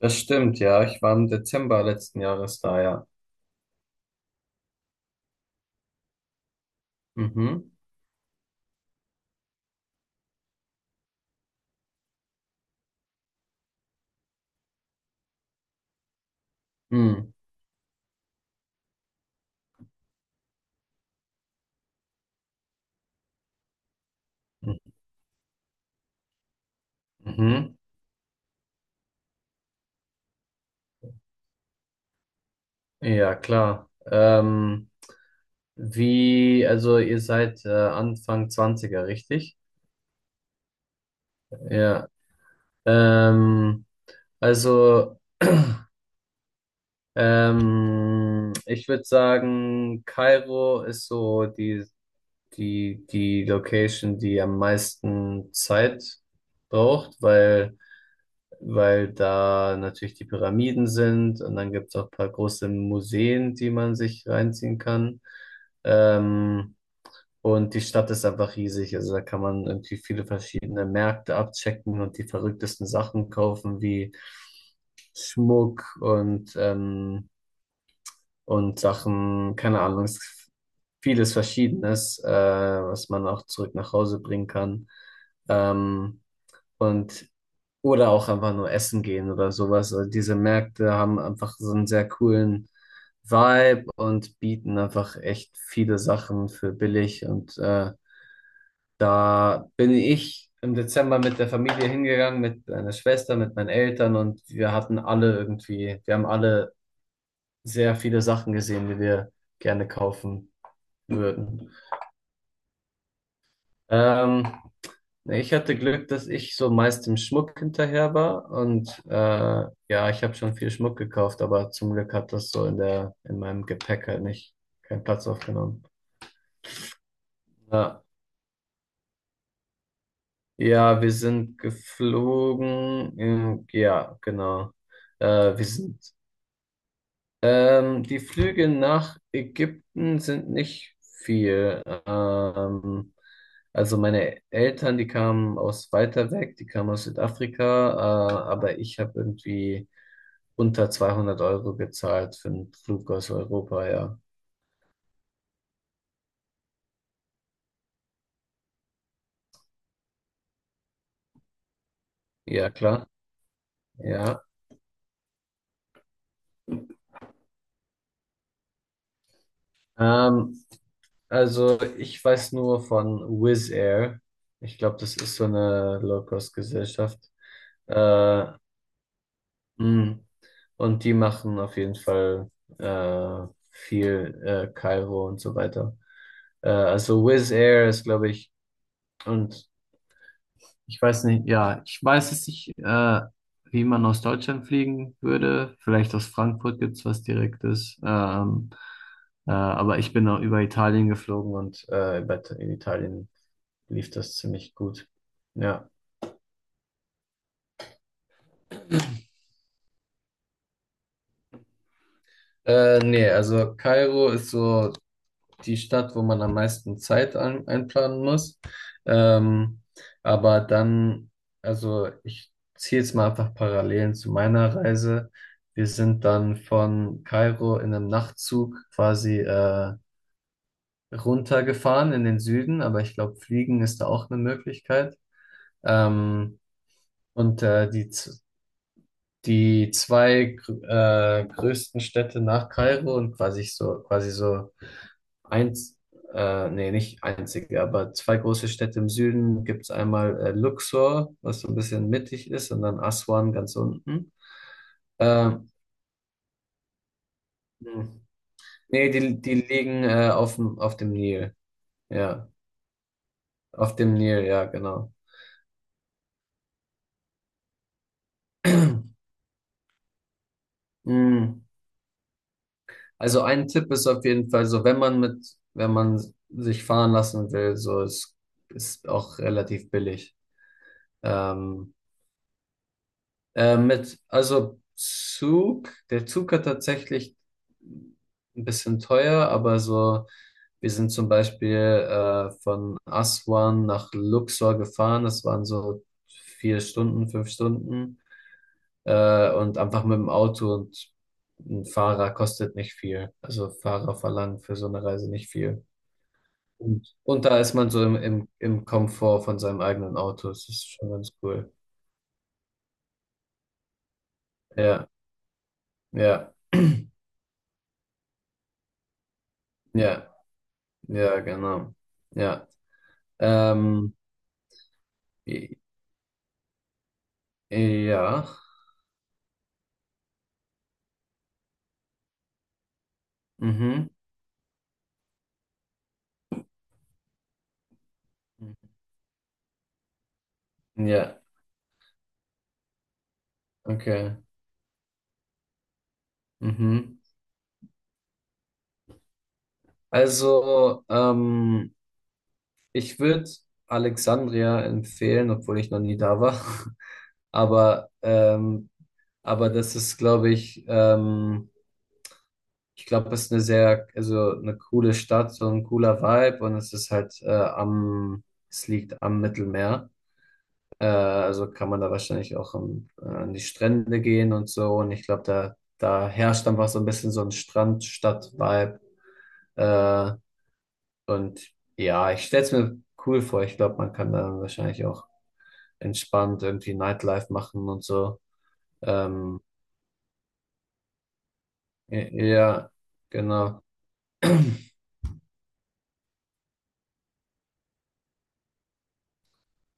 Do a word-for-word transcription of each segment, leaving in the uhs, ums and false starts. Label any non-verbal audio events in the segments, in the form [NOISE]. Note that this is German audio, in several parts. Das stimmt, ja. Ich war im Dezember letzten Jahres da, ja. Mhm. Mhm. Mhm. Ja, klar. Ähm, wie, also ihr seid äh, Anfang Zwanziger, richtig? Ja. Ähm, also, ähm, ich würde sagen, Kairo ist so die, die, die Location, die am meisten Zeit braucht, weil weil da natürlich die Pyramiden sind und dann gibt es auch ein paar große Museen, die man sich reinziehen kann. Ähm, und die Stadt ist einfach riesig, also da kann man irgendwie viele verschiedene Märkte abchecken und die verrücktesten Sachen kaufen, wie Schmuck und, ähm, und Sachen, keine Ahnung, es- vieles Verschiedenes, äh, was man auch zurück nach Hause bringen kann. Ähm, und oder auch einfach nur essen gehen oder sowas. Also diese Märkte haben einfach so einen sehr coolen Vibe und bieten einfach echt viele Sachen für billig. Und äh, da bin ich im Dezember mit der Familie hingegangen, mit meiner Schwester, mit meinen Eltern, und wir hatten alle irgendwie, wir haben alle sehr viele Sachen gesehen, die wir gerne kaufen würden. Ähm, Ich hatte Glück, dass ich so meist im Schmuck hinterher war, und äh, ja, ich habe schon viel Schmuck gekauft, aber zum Glück hat das so in der in meinem Gepäck halt nicht keinen Platz aufgenommen. Ja, ja, wir sind geflogen. ähm, Ja, genau. Äh, wir sind Ähm, die Flüge nach Ägypten sind nicht viel. Ähm, also meine Eltern, die kamen aus weiter weg, die kamen aus Südafrika, äh, aber ich habe irgendwie unter zweihundert Euro gezahlt für einen Flug aus Europa, ja. Ja, klar, ja. Ähm, also ich weiß nur von Wizz Air. Ich glaube, das ist so eine Low-Cost-Gesellschaft. Äh, Mhm. Und die machen auf jeden Fall äh, viel, äh, Kairo und so weiter. Äh, also Wizz Air ist, glaube ich, und ich weiß nicht, ja, ich weiß es nicht, äh, wie man aus Deutschland fliegen würde. Vielleicht aus Frankfurt gibt's was Direktes. Ähm, äh, aber ich bin auch über Italien geflogen, und äh, über, in Italien lief das ziemlich gut. Ja. Äh, nee, also Kairo ist so die Stadt, wo man am meisten Zeit ein, einplanen muss. Ähm, aber dann, also ich ziehe jetzt mal einfach Parallelen zu meiner Reise. Wir sind dann von Kairo in einem Nachtzug quasi äh, runtergefahren in den Süden, aber ich glaube, Fliegen ist da auch eine Möglichkeit. Ähm, und äh, die Die zwei gr- äh, größten Städte nach Kairo und quasi so, quasi so eins, äh, nee, nicht einzige, aber zwei große Städte im Süden gibt es einmal äh, Luxor, was so ein bisschen mittig ist, und dann Aswan ganz unten. Ähm, Nee, die, die liegen äh, auf dem, auf dem Nil. Ja, auf dem Nil, ja, genau. Mm. Also ein Tipp ist auf jeden Fall so, wenn man mit, wenn man sich fahren lassen will, so es ist auch relativ billig. Ähm, äh, mit, also Zug, der Zug hat tatsächlich ein bisschen teuer, aber so, wir sind zum Beispiel äh, von Aswan nach Luxor gefahren, das waren so vier Stunden, fünf Stunden, äh, und einfach mit dem Auto, und ein Fahrer kostet nicht viel. Also Fahrer verlangen für so eine Reise nicht viel. Und, und da ist man so im, im, im Komfort von seinem eigenen Auto, das ist schon ganz cool. Ja, ja, ja. Ja, genau. Ja. Ähm, i- ja. Mhm. Ja, okay. Mhm. Also, ähm, Ich würde Alexandria empfehlen, obwohl ich noch nie da war. [LAUGHS] Aber, ähm, aber das ist, glaube ich, ähm, ich glaube, es ist eine sehr, also eine coole Stadt, so ein cooler Vibe, und es ist halt äh, am, es liegt am Mittelmeer. Äh, also kann man da wahrscheinlich auch ähm, äh, an die Strände gehen und so. Und ich glaube, da, da herrscht einfach so ein bisschen so ein Strand-Stadt-Vibe. Äh, und ja, ich stell's mir cool vor. Ich glaube, man kann da wahrscheinlich auch entspannt irgendwie Nightlife machen und so. Ähm, äh, ja, genau.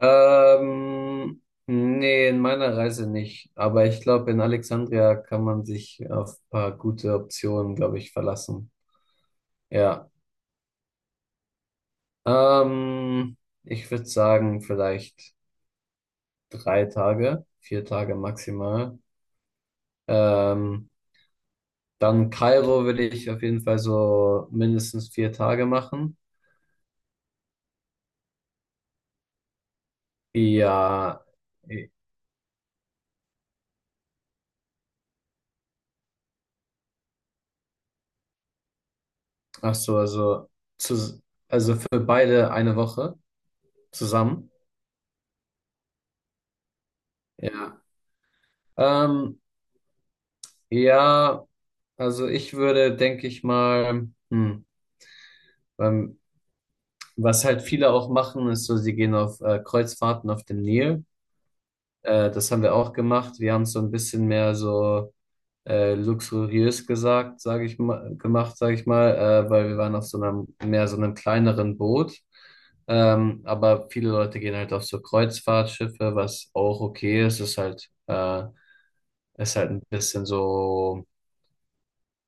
Ähm, Nee, in meiner Reise nicht. Aber ich glaube, in Alexandria kann man sich auf ein paar gute Optionen, glaube ich, verlassen. Ja. Ähm, Ich würde sagen, vielleicht drei Tage, vier Tage maximal. Ähm, Dann Kairo will ich auf jeden Fall so mindestens vier Tage machen. Ja, eh, ach so, also, zu, also für beide eine Woche zusammen. Ja. Ähm, ja, also ich würde, denke ich mal, hm, ähm, was halt viele auch machen, ist so, sie gehen auf äh, Kreuzfahrten auf dem Nil. Äh, das haben wir auch gemacht. Wir haben es so ein bisschen mehr so äh, luxuriös gesagt, sage ich mal, gemacht, sage ich mal, äh, weil wir waren auf so einem mehr so einem kleineren Boot. Ähm, aber viele Leute gehen halt auf so Kreuzfahrtschiffe, was auch okay ist. Ist halt, äh, ist halt ein bisschen so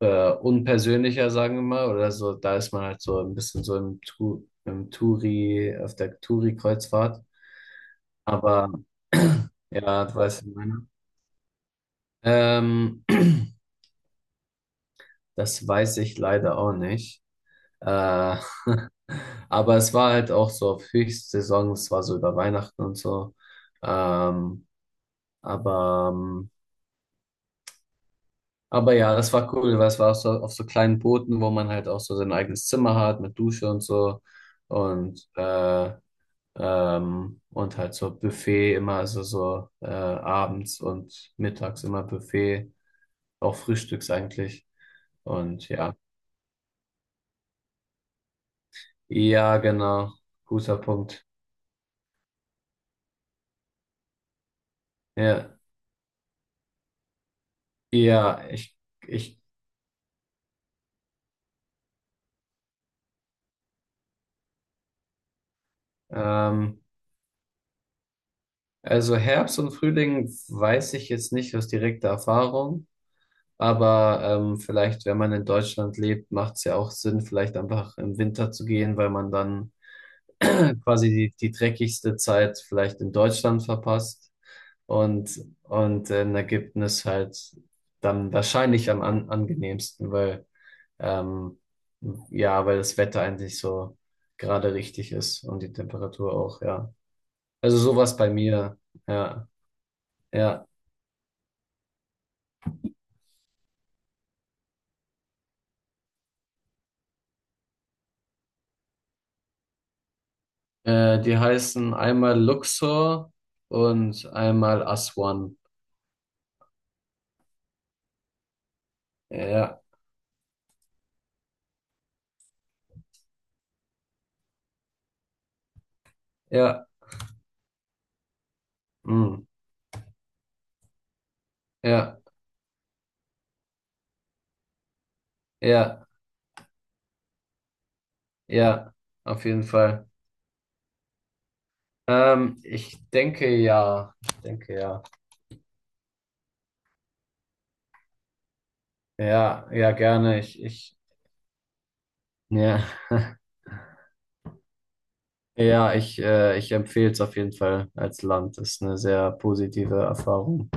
äh, unpersönlicher, sagen wir mal, oder so. Da ist man halt so ein bisschen so im, Tu- im Touri, auf der Touri-Kreuzfahrt. Aber [CLEARS THROAT] ja, du weißt, was ich meine. Ähm, [CLEARS THROAT] das weiß ich leider auch nicht. Äh, [LAUGHS] aber es war halt auch so auf Höchstsaison, es war so über Weihnachten und so. Ähm, aber, ähm, aber ja, das war cool, weil es war auf so, auf so kleinen Booten, wo man halt auch so sein eigenes Zimmer hat mit Dusche und so. Und, äh, ähm, und halt so Buffet immer, also so äh, abends und mittags immer Buffet, auch frühstücks eigentlich. Und ja. Ja, genau. Guter Punkt. Ja, ja, ich, ich, ähm, also Herbst und Frühling weiß ich jetzt nicht aus direkter Erfahrung, aber ähm, vielleicht, wenn man in Deutschland lebt, macht es ja auch Sinn, vielleicht einfach im Winter zu gehen, weil man dann [CLEARS THROAT] quasi die, die dreckigste Zeit vielleicht in Deutschland verpasst, und, und in Ägypten ist halt dann wahrscheinlich am an, angenehmsten, weil Ähm, ja, weil das Wetter eigentlich so gerade richtig ist und die Temperatur auch, ja. Also sowas bei mir, ja, ja. Äh, die heißen einmal Luxor und einmal Aswan. Ja, ja, mm, ja, ja, ja, auf jeden Fall. Ähm, ich denke ja, ich denke ja. Ja, ja, gerne. Ich, ich, ja. [LAUGHS] Ja, ich, äh, ich empfehle es auf jeden Fall als Land. Ist eine sehr positive Erfahrung.